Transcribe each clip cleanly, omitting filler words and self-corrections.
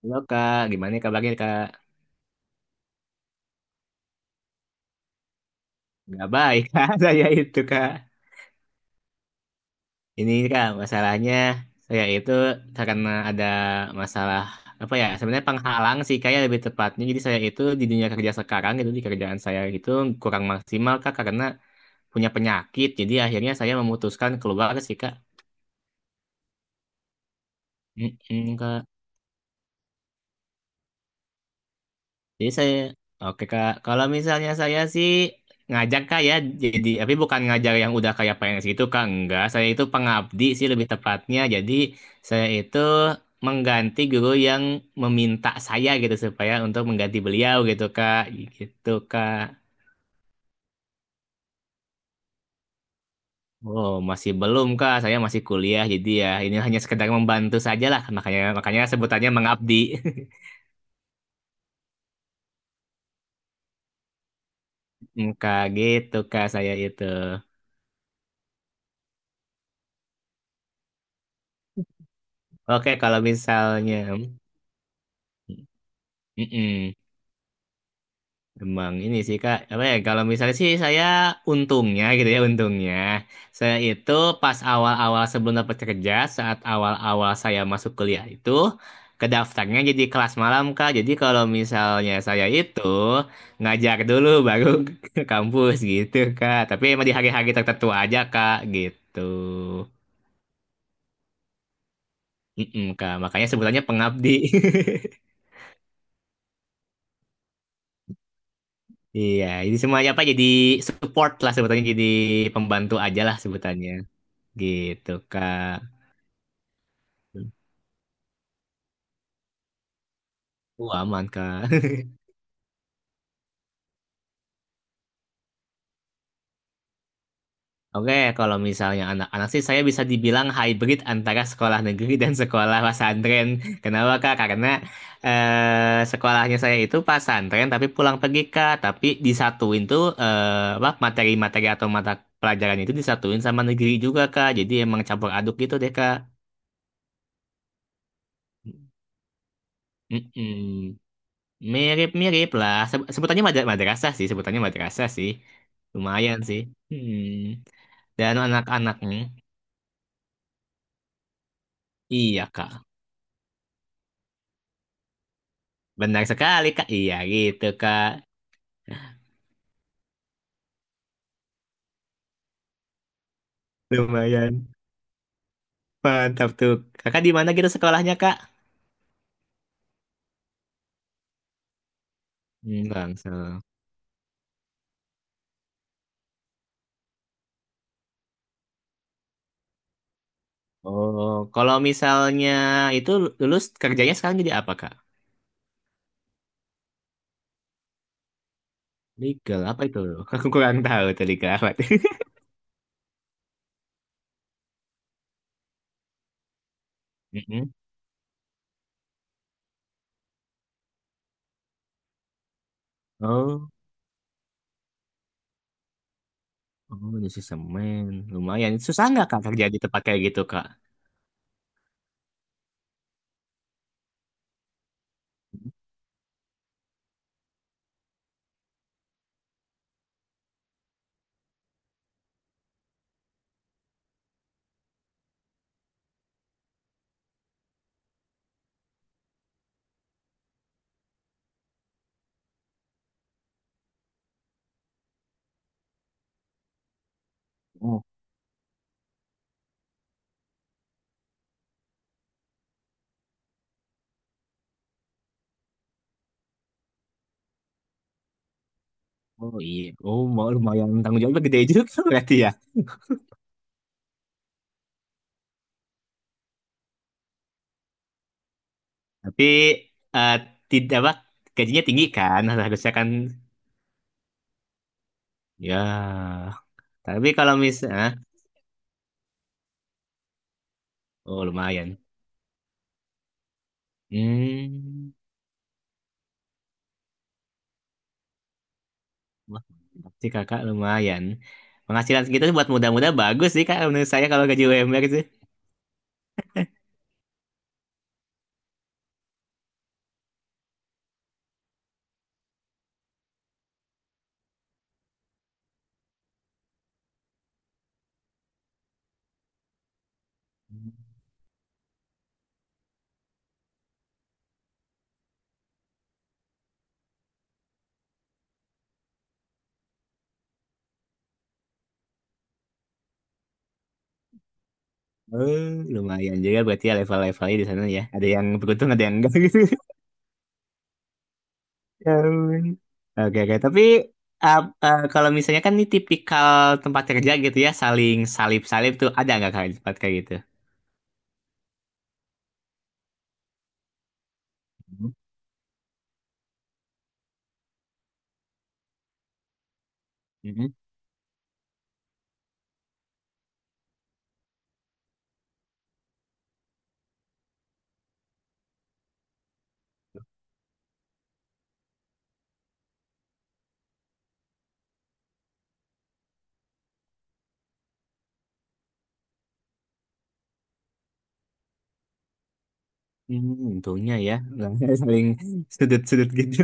Halo kak, gimana nih kabarnya kak? Nggak baik kak, saya itu kak. Ini kak, masalahnya saya itu karena ada masalah apa ya? Sebenarnya penghalang sih kayak lebih tepatnya. Jadi saya itu di dunia kerja sekarang itu di kerjaan saya itu kurang maksimal kak karena punya penyakit. Jadi akhirnya saya memutuskan keluar sih kak. Mm-mm, kak. Jadi saya, oke Kak, kalau misalnya saya sih ngajak Kak ya, jadi, tapi bukan ngajar yang udah kayak PNS gitu Kak, enggak. Saya itu pengabdi sih lebih tepatnya, jadi saya itu mengganti guru yang meminta saya gitu, supaya untuk mengganti beliau gitu Kak, gitu Kak. Oh, masih belum Kak, saya masih kuliah, jadi ya ini hanya sekedar membantu saja lah, makanya sebutannya mengabdi. Mm, Kak, gitu Kak, saya itu. Oke, kalau misalnya... Mm-mm. Emang ini sih Kak, apa ya kalau misalnya sih saya untungnya gitu ya untungnya saya itu pas awal-awal sebelum dapat kerja saat awal-awal saya masuk kuliah itu kedaftarnya jadi kelas malam Kak. Jadi kalau misalnya saya itu ngajar dulu baru ke kampus gitu Kak. Tapi emang di hari-hari tertentu aja Kak gitu. Mm-mm, Kak, makanya sebutannya pengabdi. Iya, jadi semuanya apa jadi support lah sebutannya jadi pembantu aja lah sebutannya. Gitu, Kak. Aman, Kak. Oke, kalau misalnya anak-anak sih saya bisa dibilang hybrid antara sekolah negeri dan sekolah pesantren. Kenapa, Kak? Karena sekolahnya saya itu pesantren tapi pulang pergi, Kak. Tapi disatuin tuh apa materi-materi atau mata pelajarannya itu disatuin sama negeri juga, Kak. Jadi emang campur aduk gitu deh, Kak. Mm-mm. Mirip-mirip lah. Madrasah sih, sebutannya madrasah sih. Lumayan sih. Hmm. Dan anak-anaknya. Iya, Kak. Benar sekali, Kak. Iya, gitu, Kak. Lumayan. Mantap tuh. Kakak di mana gitu sekolahnya, Kak? Hmm, Langsung. Oh, kalau misalnya itu lulus kerjanya sekarang jadi apa, Kak? Legal, apa itu? Aku kurang tahu tuh legal apa. Mm-mm. Oh, oh, jadi semen. Lumayan. Susah nggak, Kak, kerja di tempat kayak gitu, Kak? Oh iya, oh mau lumayan tanggung jawabnya gede juga berarti ya. Tapi eh tidak apa gajinya tinggi kan. Nah, harusnya kan ya. Tapi kalau misalnya, oh lumayan. Hmm, wah berarti kakak lumayan. Penghasilan segitu buat muda-muda bagus sih kak menurut saya kalau gaji UMR sih. Oh, lumayan juga berarti ya level-levelnya di sana ya. Ada yang beruntung, ada yang enggak gitu. Ya ampun. Oke, oke. Tapi uh, kalau misalnya kan ini tipikal tempat kerja gitu ya, saling salip-salip tuh ada nggak kayak tempat kayak gitu? Mm-mm. Hmm, untungnya ya, nggak saling sudut-sudut gitu.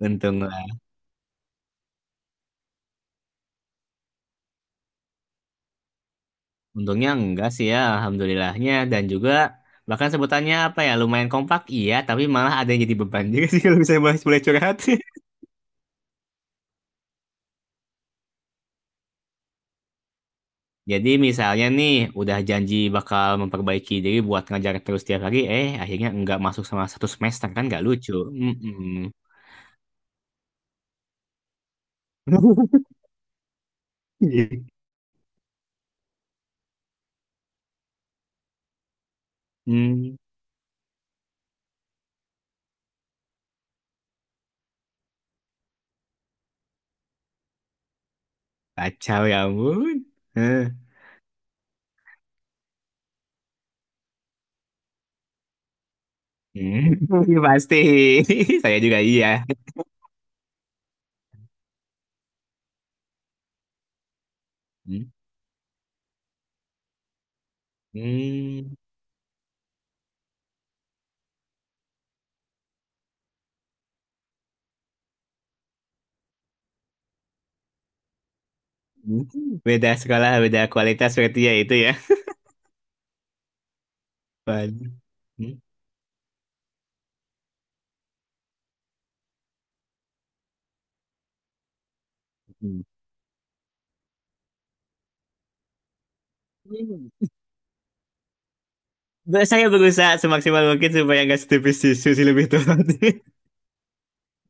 Untung, untungnya enggak sih ya, alhamdulillahnya. Dan juga bahkan sebutannya apa ya, lumayan kompak iya, tapi malah ada yang jadi beban juga sih kalau misalnya boleh boleh curhat. Jadi misalnya nih udah janji bakal memperbaiki diri buat ngajar terus tiap hari, eh akhirnya nggak masuk sama 1 semester kan nggak lucu. Mm-mm. Hmm, kacau ya ampun. Heh. Hmm, pasti. Saya juga iya. Hmm. Hmm. Beda sekolah, beda kualitas berarti ya itu ya. Waduh. Hmm. Hmm. Saya berusaha semaksimal mungkin supaya nggak setipis tisu sih lebih tepat.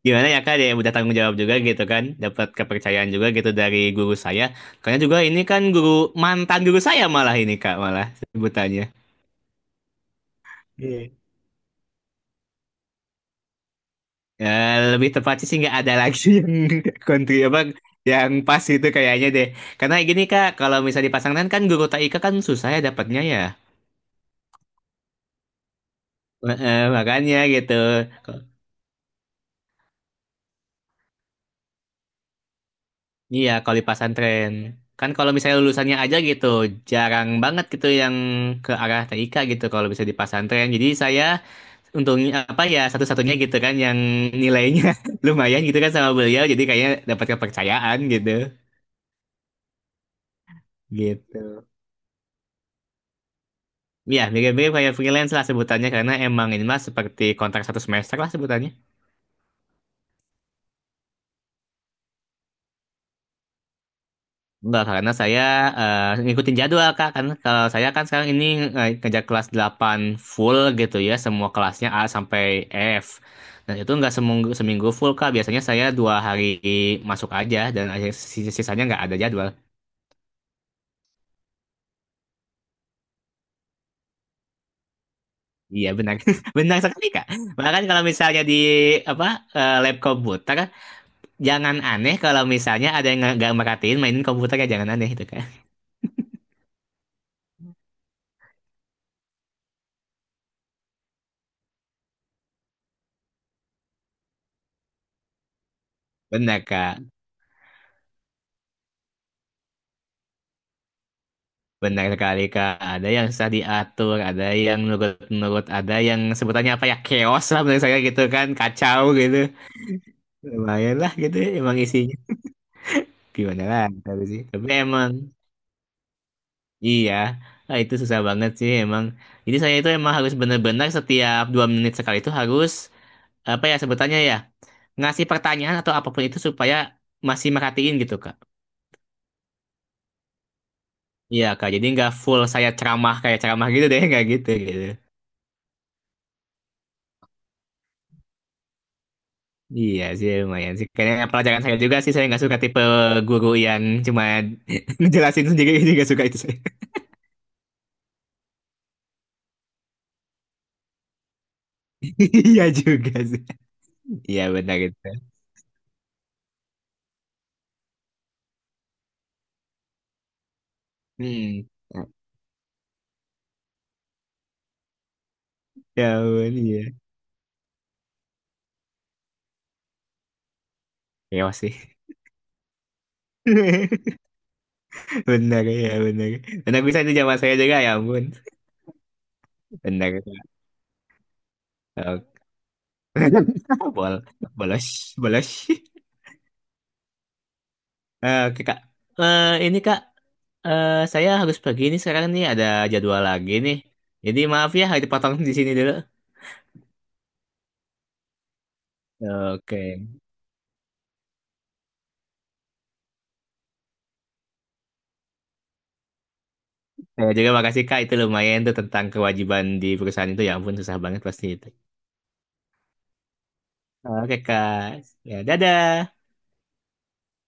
Gimana ya Kak, ada yang udah tanggung jawab juga gitu kan, dapat kepercayaan juga gitu dari guru saya. Karena juga ini kan mantan guru saya malah ini Kak, malah sebutannya. Iya. Ya, lebih tepatnya sih nggak ada lagi yang kontri apa yang pas itu kayaknya deh. Karena gini Kak, kalau misalnya dipasangkan kan guru TIK kan susah ya dapatnya ya. Makanya gitu. Iya, kalau di pesantren. Kan kalau misalnya lulusannya aja gitu, jarang banget gitu yang ke arah TIK gitu kalau bisa di pesantren. Jadi saya untungnya apa ya satu-satunya gitu kan yang nilainya lumayan gitu kan sama beliau. Jadi kayaknya dapat kepercayaan gitu. Gitu. Iya, mirip-mirip kayak freelance lah sebutannya karena emang ini mah seperti kontrak 1 semester lah sebutannya. Enggak, karena saya ngikutin jadwal, Kak. Kan kalau saya kan sekarang ini kerja kelas 8 full gitu ya, semua kelasnya A sampai F. Dan itu nggak seminggu, seminggu full, Kak. Biasanya saya 2 hari masuk aja, dan sisanya nggak ada jadwal. Iya, benar. Benar sekali, Kak. Bahkan kalau misalnya di apa lab komputer, jangan aneh kalau misalnya ada yang nggak merhatiin mainin komputernya, jangan aneh itu, Kak. Benar, Kak. Benar sekali Kak, ada yang susah diatur, ada yang nurut-nurut, ada yang sebutannya apa ya, chaos lah menurut saya gitu kan, kacau gitu. Lumayan lah gitu ya emang isinya. Gimana lah tapi sih. Tapi emang iya, ah, itu susah banget sih emang. Jadi saya itu emang harus benar-benar setiap 2 menit sekali itu harus apa ya sebutannya ya, ngasih pertanyaan atau apapun itu supaya masih merhatiin gitu Kak. Iya Kak, jadi nggak full saya ceramah kayak ceramah gitu deh, nggak gitu gitu. Iya sih lumayan sih. Kayaknya pelajaran saya juga sih saya nggak suka tipe guru yang cuma ngejelasin sendiri ini nggak suka itu saya. Iya juga sih. Iya benar itu. Hmm. Ya ampun, iya. Chaos sih. Benar ya benar. Benar bisa itu zaman saya juga ya ampun. Benar. Oke. Bol bolos bolos. Oke kak. Ini kak. Saya harus pergi nih sekarang nih ada jadwal lagi nih. Jadi maaf ya harus dipotong di sini dulu. Oke. Saya juga makasih Kak, itu lumayan tuh tentang kewajiban di perusahaan itu. Ya ampun, susah banget pasti itu. Oke Kak, ya dadah.